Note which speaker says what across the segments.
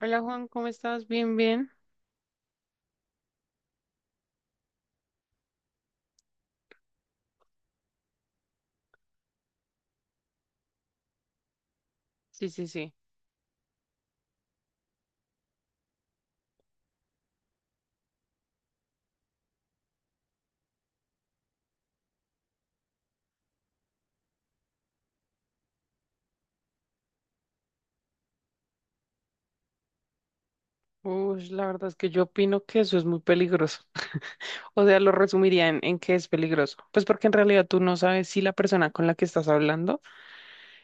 Speaker 1: Hola Juan, ¿cómo estás? Bien, bien. Sí, sí, sí. Uy, la verdad es que yo opino que eso es muy peligroso. O sea, lo resumiría en que es peligroso. Pues porque en realidad tú no sabes si la persona con la que estás hablando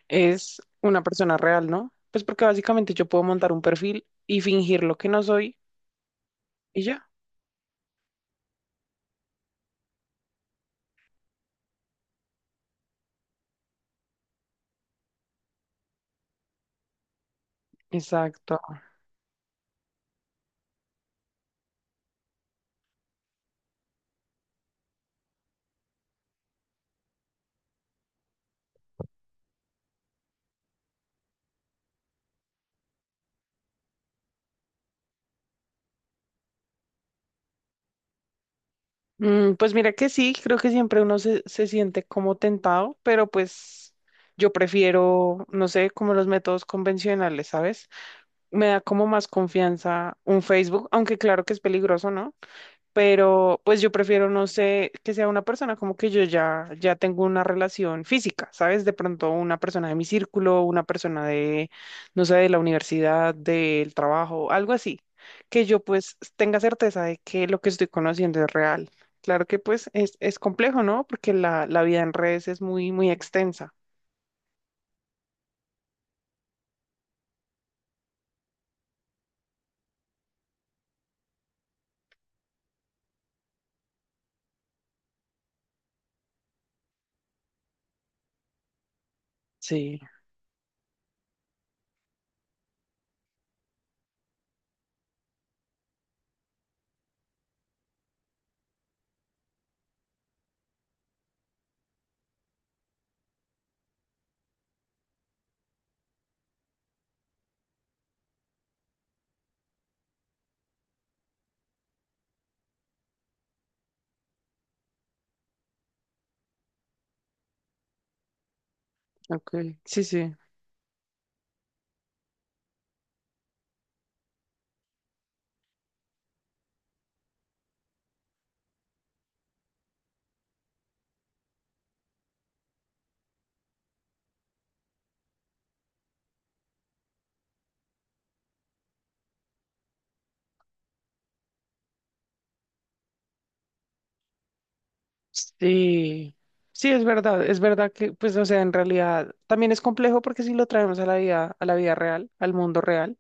Speaker 1: es una persona real, ¿no? Pues porque básicamente yo puedo montar un perfil y fingir lo que no soy y ya. Exacto. Mm, pues mira que sí, creo que siempre uno se siente como tentado, pero pues yo prefiero, no sé, como los métodos convencionales, ¿sabes? Me da como más confianza un Facebook, aunque claro que es peligroso, ¿no? Pero pues yo prefiero, no sé, que sea una persona como que yo ya tengo una relación física, ¿sabes? De pronto una persona de mi círculo, una persona de, no sé, de la universidad, del trabajo, algo así, que yo pues tenga certeza de que lo que estoy conociendo es real. Claro que pues es complejo, ¿no? Porque la vida en redes es muy, muy extensa. Sí, ok, sí, sí. Sí, sí, es verdad que, pues, o sea, en realidad también es complejo porque si lo traemos a la vida real, al mundo real,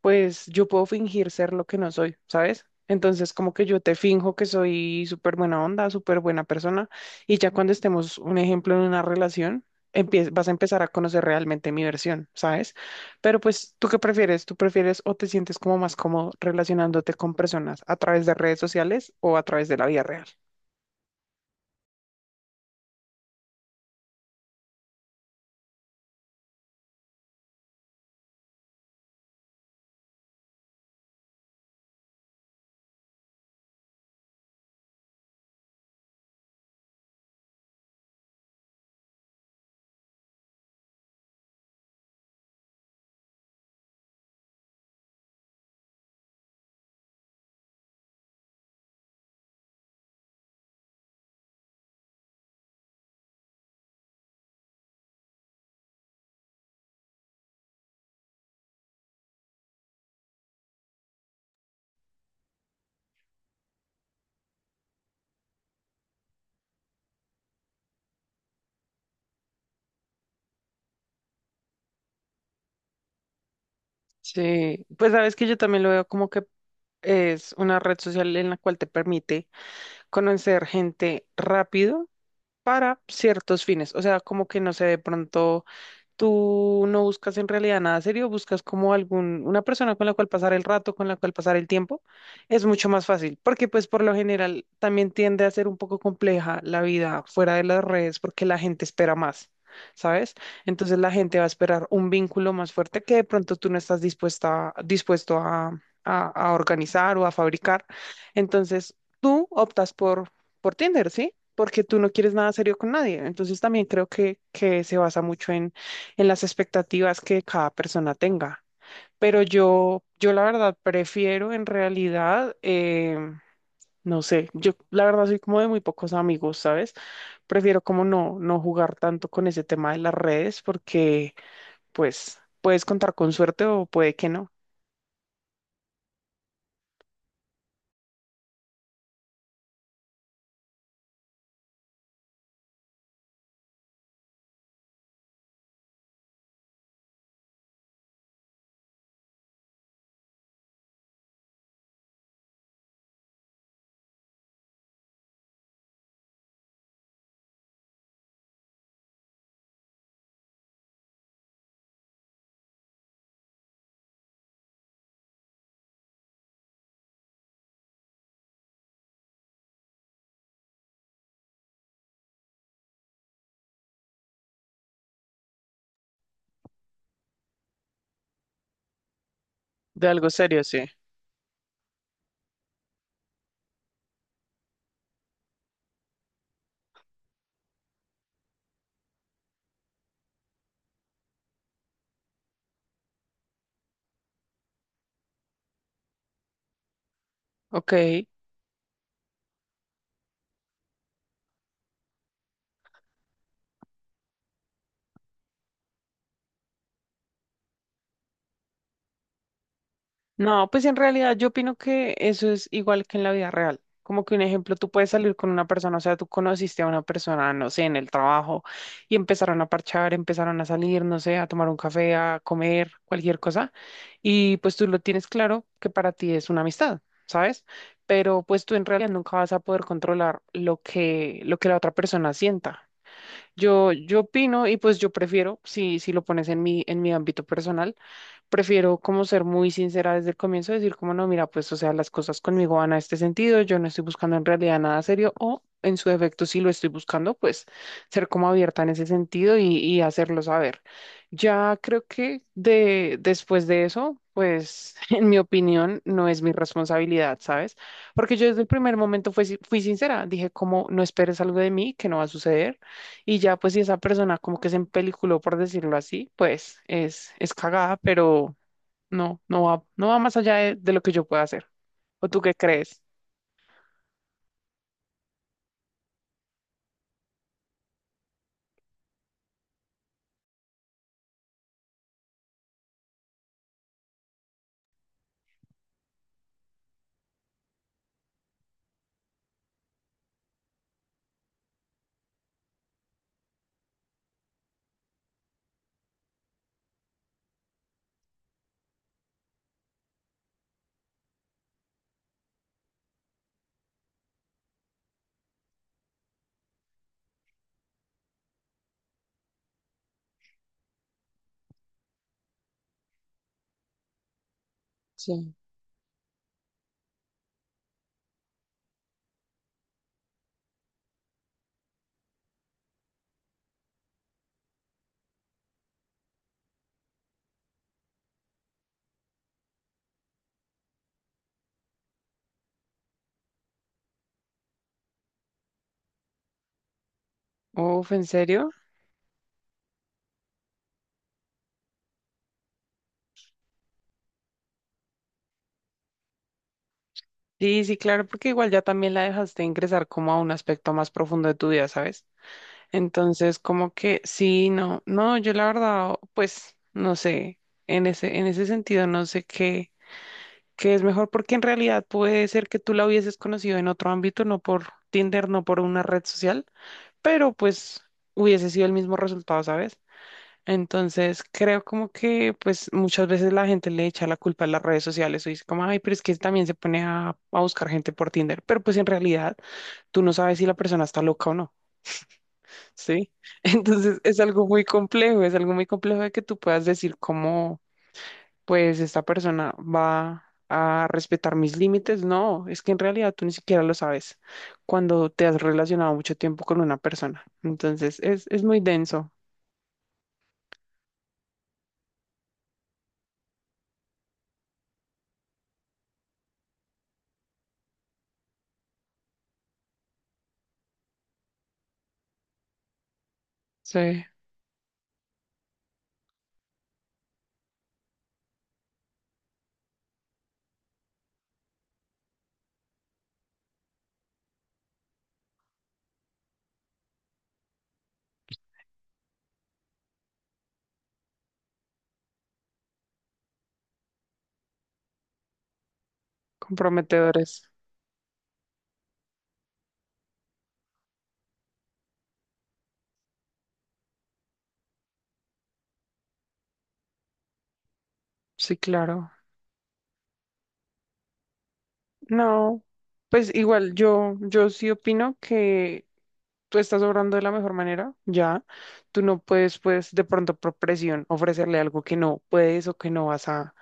Speaker 1: pues yo puedo fingir ser lo que no soy, ¿sabes? Entonces, como que yo te finjo que soy súper buena onda, súper buena persona, y ya cuando estemos, un ejemplo, en una relación, vas a empezar a conocer realmente mi versión, ¿sabes? Pero pues, ¿tú qué prefieres? ¿Tú prefieres o te sientes como más cómodo relacionándote con personas a través de redes sociales o a través de la vida real? Sí, pues sabes que yo también lo veo como que es una red social en la cual te permite conocer gente rápido para ciertos fines, o sea, como que no sé, de pronto... Tú no buscas en realidad nada serio, buscas como algún, una persona con la cual pasar el rato, con la cual pasar el tiempo, es mucho más fácil, porque pues por lo general también tiende a ser un poco compleja la vida fuera de las redes porque la gente espera más, ¿sabes? Entonces la gente va a esperar un vínculo más fuerte que de pronto tú no estás dispuesta, dispuesto a, a organizar o a fabricar. Entonces tú optas por Tinder, ¿sí? Porque tú no quieres nada serio con nadie. Entonces también creo que se basa mucho en las expectativas que cada persona tenga. Pero yo la verdad prefiero en realidad, no sé, yo la verdad soy como de muy pocos amigos, ¿sabes? Prefiero como no, no jugar tanto con ese tema de las redes porque pues puedes contar con suerte o puede que no. De algo serio, sí. Ok. No, pues en realidad yo opino que eso es igual que en la vida real. Como que un ejemplo, tú puedes salir con una persona, o sea, tú conociste a una persona, no sé, en el trabajo y empezaron a parchar, empezaron a salir, no sé, a tomar un café, a comer, cualquier cosa. Y pues tú lo tienes claro que para ti es una amistad, ¿sabes? Pero pues tú en realidad nunca vas a poder controlar lo que la otra persona sienta. Yo opino y pues yo prefiero, si, si lo pones en mi ámbito personal prefiero como ser muy sincera desde el comienzo, decir como no, mira, pues o sea, las cosas conmigo van a este sentido, yo no estoy buscando en realidad nada serio o en su defecto si lo estoy buscando, pues ser como abierta en ese sentido y hacerlo saber. Ya creo que de, después de eso, pues en mi opinión no es mi responsabilidad, ¿sabes? Porque yo desde el primer momento fui, fui sincera, dije como no esperes algo de mí que no va a suceder. Y ya, pues, si esa persona como que se empeliculó, por decirlo así, pues es cagada, pero no, no va más allá de lo que yo pueda hacer. ¿O tú qué crees? Sí. Uf, ¿en serio? Sí, sí, claro, porque igual ya también la dejaste ingresar como a un aspecto más profundo de tu vida, ¿sabes? Entonces, como que sí, no, no, yo la verdad, pues, no sé, en ese sentido, no sé qué, qué es mejor, porque en realidad puede ser que tú la hubieses conocido en otro ámbito, no por Tinder, no por una red social, pero pues hubiese sido el mismo resultado, ¿sabes? Entonces creo como que pues muchas veces la gente le echa la culpa a las redes sociales o dice como, ay, pero es que también se pone a buscar gente por Tinder, pero pues en realidad tú no sabes si la persona está loca o no, ¿sí? Entonces es algo muy complejo, es algo muy complejo de que tú puedas decir como, pues esta persona va a respetar mis límites, no, es que en realidad tú ni siquiera lo sabes cuando te has relacionado mucho tiempo con una persona. Entonces, es muy denso. Sí, comprometedores. Sí, claro. No, pues igual yo, yo sí opino que tú estás obrando de la mejor manera, ya. Tú no puedes, pues, de pronto por presión ofrecerle algo que no puedes o que no vas a,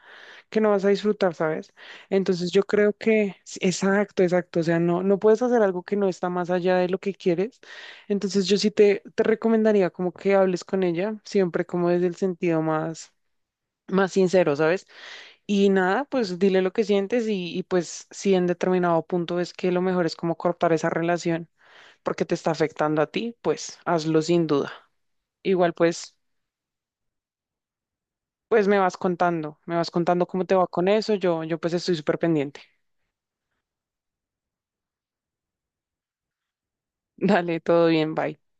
Speaker 1: que no vas a disfrutar, ¿sabes? Entonces yo creo que, sí, exacto, exacto. O sea, no, no puedes hacer algo que no está más allá de lo que quieres. Entonces yo sí te recomendaría como que hables con ella, siempre como desde el sentido más, más sincero, ¿sabes? Y nada, pues dile lo que sientes y pues si en determinado punto ves que lo mejor es como cortar esa relación porque te está afectando a ti, pues hazlo sin duda. Igual pues, pues me vas contando cómo te va con eso, yo pues estoy súper pendiente. Dale, todo bien, bye.